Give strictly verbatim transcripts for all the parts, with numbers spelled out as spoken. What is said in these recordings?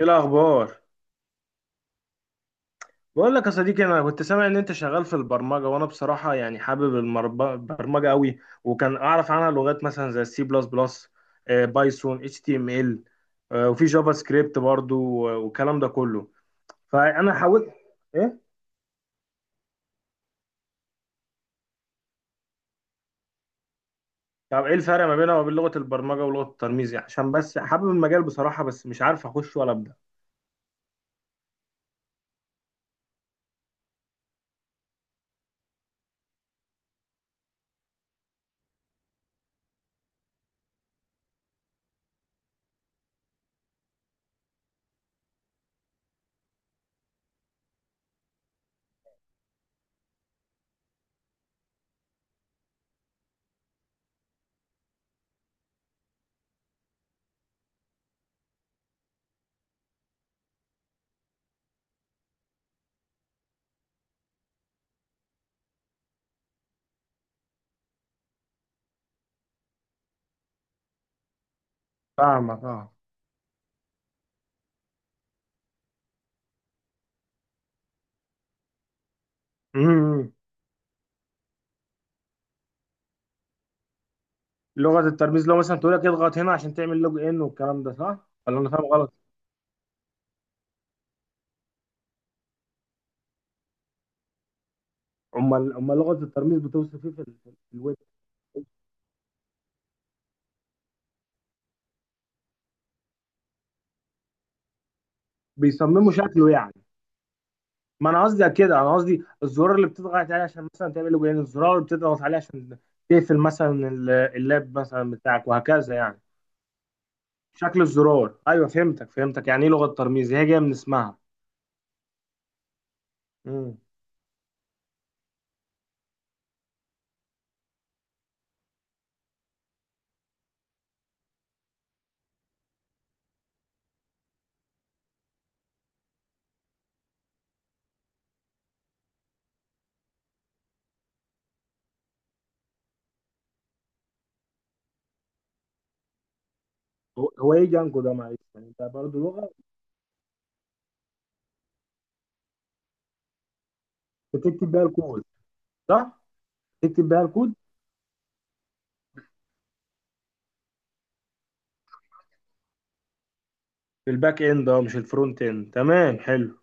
ايه الاخبار؟ بقول لك يا صديقي، انا كنت سامع ان انت شغال في البرمجه، وانا بصراحه يعني حابب المرب- البرمجه قوي، وكان اعرف عنها لغات مثلا زي السي بلس بلس، بايثون، اتش تي ام ال، وفي جافا سكريبت برضو، و- والكلام ده كله. فانا حاولت ايه. طب ايه الفرق ما بينها وبين لغه البرمجه ولغه الترميز يعني؟ عشان بس حابب المجال بصراحه، بس مش عارف اخش ولا ابدا. فاهمك اه. امم لغه الترميز لو مثلا تقول لك اضغط هنا عشان تعمل لوج ان والكلام ده، صح ولا انا فاهم؟ امال امال لغه الترميز بتوصف ايه في ال- في الويب؟ بيصمموا شكله يعني. ما انا قصدي كده، انا قصدي الزرار اللي بتضغط عليه عشان مثلا تعمل له جولان، الزرار اللي بتضغط عليه عشان تقفل مثلا ال- اللاب مثلا بتاعك وهكذا يعني. شكل الزرار، ايوه فهمتك فهمتك، يعني ايه لغه ترميز، هي جايه من اسمها. امم. هو هو ايه جانجو ده معلش؟ يعني انت برضه لغه بتكتب بيها الكود صح؟ تكتب بيها الكود. في الباك اند، اه مش الفرونت اند، تمام حلو.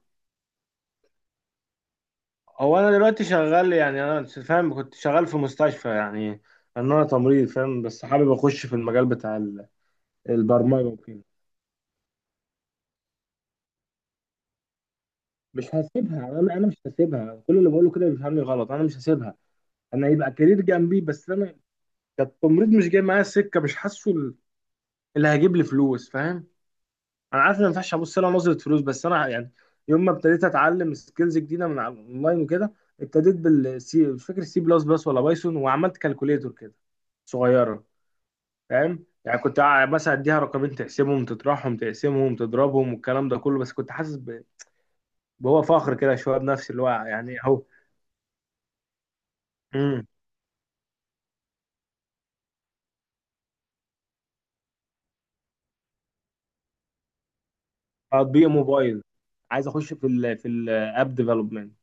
هو انا دلوقتي شغال، يعني انا فاهم، كنت شغال في مستشفى يعني، ان انا تمريض فاهم، بس حابب اخش في المجال بتاع ال- البرمجه وكده. مش هسيبها، انا انا مش هسيبها. كل اللي بقوله كده بيفهمني غلط، انا مش هسيبها. انا هيبقى كارير جنبي بس. انا كتمريض مش جاي معايا السكه، مش حاسه ال- اللي هيجيب لي فلوس، فاهم. انا عارف ان ما ينفعش ابص لها نظره فلوس، بس انا يعني يوم ما ابتديت اتعلم سكيلز جديده من على اونلاين وكده، ابتديت بالسي، مش فاكر سي بلس بلس ولا بايثون، وعملت كالكوليتور كده صغيره، فاهم؟ يعني كنت ع- مثلا اديها رقمين تقسمهم، تطرحهم، تقسمهم، تضربهم والكلام ده كله، بس كنت حاسس ب- بهو فخر كده شويه بنفسي، اللي هو يعني اهو. امم. تطبيق موبايل، عايز اخش في ال في الاب ديفلوبمنت.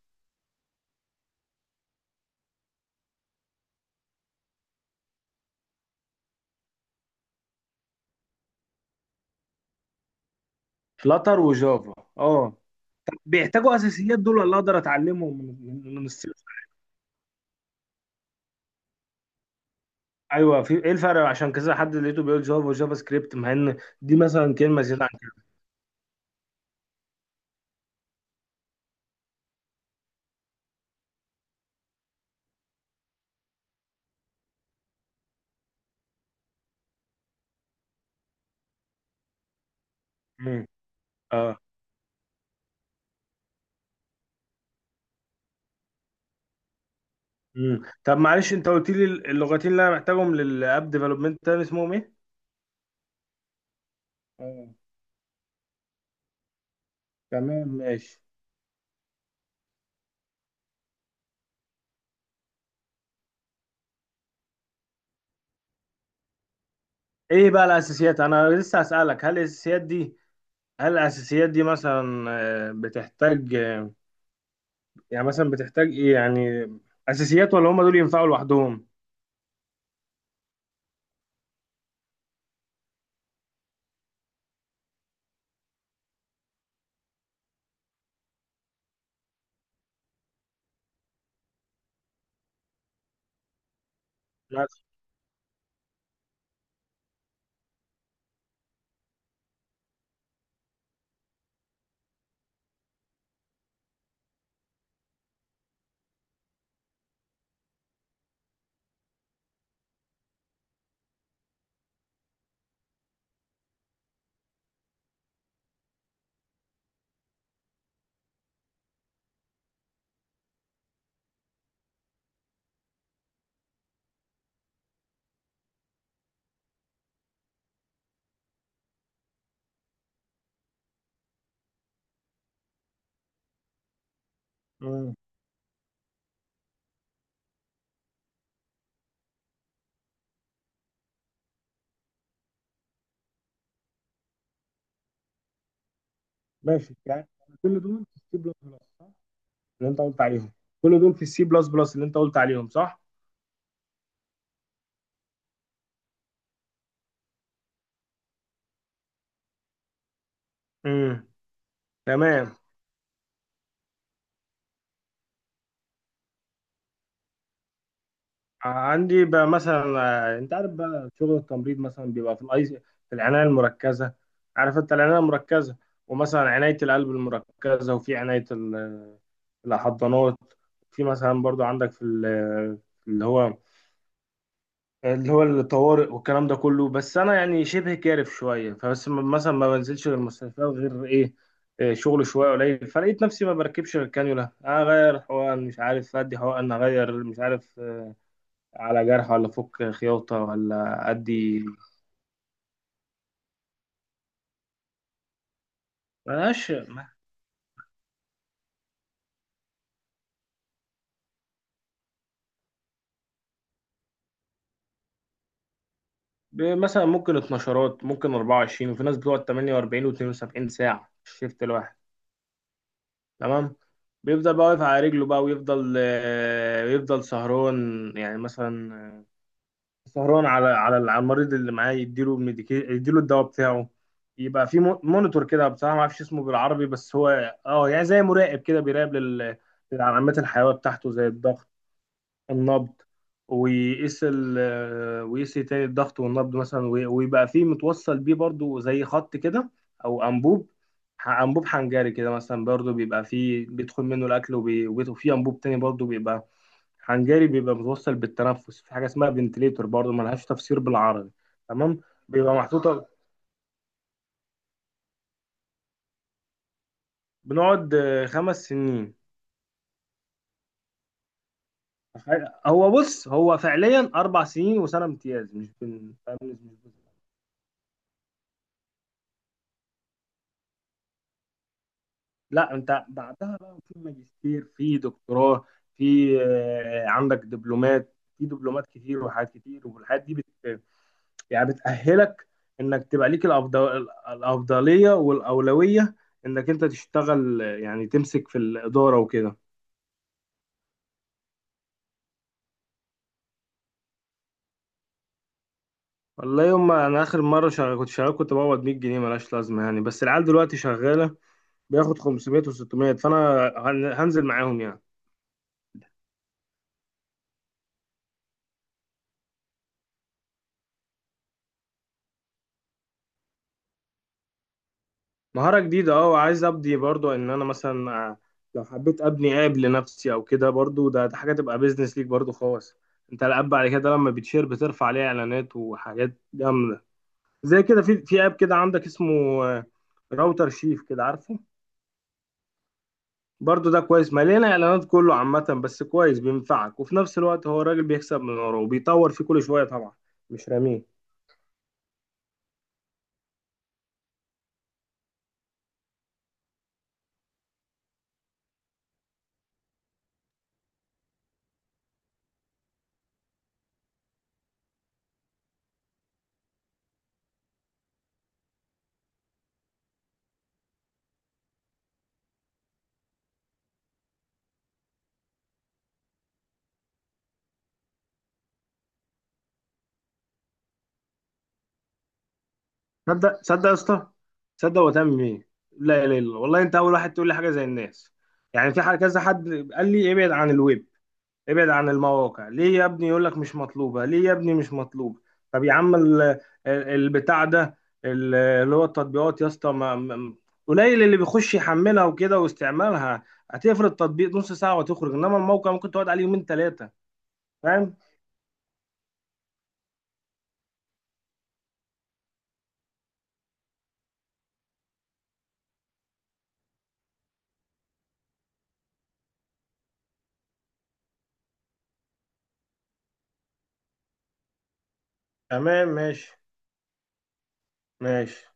فلاتر وجافا، اه. بيحتاجوا اساسيات دول ولا اقدر اتعلمهم من من من الصفر؟ ايوه، في ايه الفرق؟ عشان كذا حد لقيته بيقول جافا وجافا سكريبت، مع ان دي مثلا كلمه زياده عن كده. امم. اه. امم. طب معلش، انت قلت لي اللغتين اللي انا محتاجهم للاب ديفلوبمنت تاني اسمهم ايه؟ تمام ماشي. ايه بقى الاساسيات؟ انا لسه هسألك، هل الاساسيات دي، هل الاساسيات دي مثلا آه، بتحتاج، آه، يعني مثلا بتحتاج ايه يعني؟ اساسيات ولا هم دول ينفعوا لوحدهم بس؟ مم. ماشي يعني. كل دول في السي بلس بلس صح، اللي انت قلت عليهم؟ كل دول في السي بلس بلس اللي انت قلت عليهم صح؟ امم. تمام. عندي بقى مثلا، آه، انت عارف بقى شغل التمريض، مثلا بيبقى في الاي في، العنايه المركزه، عارف انت العنايه المركزه؟ ومثلا عنايه القلب المركزه، وفي عنايه ال- الحضانات، في مثلا برضو عندك في ال- اللي هو اللي هو الطوارئ والكلام ده كله. بس انا يعني شبه كارف شويه، فبس م- مثلا ما بنزلش غير المستشفيات غير ايه، آه، شغل شويه قليل، فلقيت نفسي ما بركبش غير الكانيولا، اغير حقن، مش عارف ادي حقن، اغير مش عارف آه، على جرح، ولا فك خياطة، ولا أدي. ملهاش. ب- مثلا ممكن اتناشرات، ممكن اربعه وعشرين، وفي ناس بتقعد تمانيه واربعين و72 ساعة في الشيفت الواحد. تمام. بيفضل بقى واقف على رجله بقى، ويفضل آه، يفضل سهران، يعني مثلا آه، سهران على على على المريض اللي معاه، يديله الميديكي، يديله الدواء بتاعه، يبقى في مو- مونيتور كده، بصراحة ما اعرفش اسمه بالعربي، بس هو اه يعني زي مراقب كده، بيراقب لل- للعلامات الحيوية بتاعته، زي الضغط، النبض، ويقيس ال آه، ويقيس تاني الضغط والنبض مثلا، وي- ويبقى فيه متوصل بيه برضو زي خط كده، او انبوب، ح- انبوب حنجري كده مثلا، برضو بيبقى فيه بيدخل منه الاكل، وبي- وبي- وفيه انبوب تاني برضو بيبقى حنجري، بيبقى متوصل بالتنفس، في حاجه اسمها فنتليتور، برضو ملهاش تفسير بالعربي. تمام. بيبقى محطوطه. بنقعد آه، خمس سنين. هو بص، هو فعليا اربع سنين وسنه امتياز، مش بن... فاهم؟ مش. لا، انت بعدها بقى في ماجستير، في دكتوراه، في آه، عندك دبلومات، في دبلومات كتير وحاجات كتير، والحاجات دي بت، يعني بتأهلك انك تبقى ليك الأفضل، الأفضلية والأولوية، انك انت تشتغل، آه، يعني تمسك في الإدارة وكده. والله يوم ما انا اخر مرة شغال، كنت شغال كنت بقبض مية جنيه، ملهاش لازمة يعني. بس العيال دلوقتي شغالة بياخد خمسمائة و600، فانا هن- هنزل معاهم يعني. مهارة جديدة اه، وعايز ابدي برضو، ان انا مثلا آه، لو حبيت ابني اب لنفسي او كده، برضو ده, ده حاجة تبقى بيزنس ليك برضو خالص. انت الاب بعد كده لما بتشير بترفع عليه اعلانات وحاجات جامدة زي كده، في في اب كده عندك اسمه آه، راوتر شيف كده، عارفه؟ برضو ده كويس، مليان اعلانات كله عامة، بس كويس بينفعك، وفي نفس الوقت هو الراجل بيكسب من وراه وبيطور فيه كل شوية طبعا، مش راميه. صدق صدق يا اسطى، صدق وتأمم ايه. لا لا لا والله، انت اول واحد تقول لي حاجه زي الناس. يعني في حاجه كذا حد قال لي ابعد عن الويب، ابعد عن المواقع، ليه يا ابني؟ يقول لك مش مطلوبه. ليه يا ابني مش مطلوبه؟ طب يا عم ال- ال- البتاع ده، ال- اللي هو التطبيقات يا اسطى، ما- ما- قليل اللي بيخش يحملها وكده واستعمالها، هتفرد تطبيق نص ساعه وتخرج، انما الموقع ممكن تقعد عليه يومين ثلاثه، فاهم. تمام ماشي. ماشي.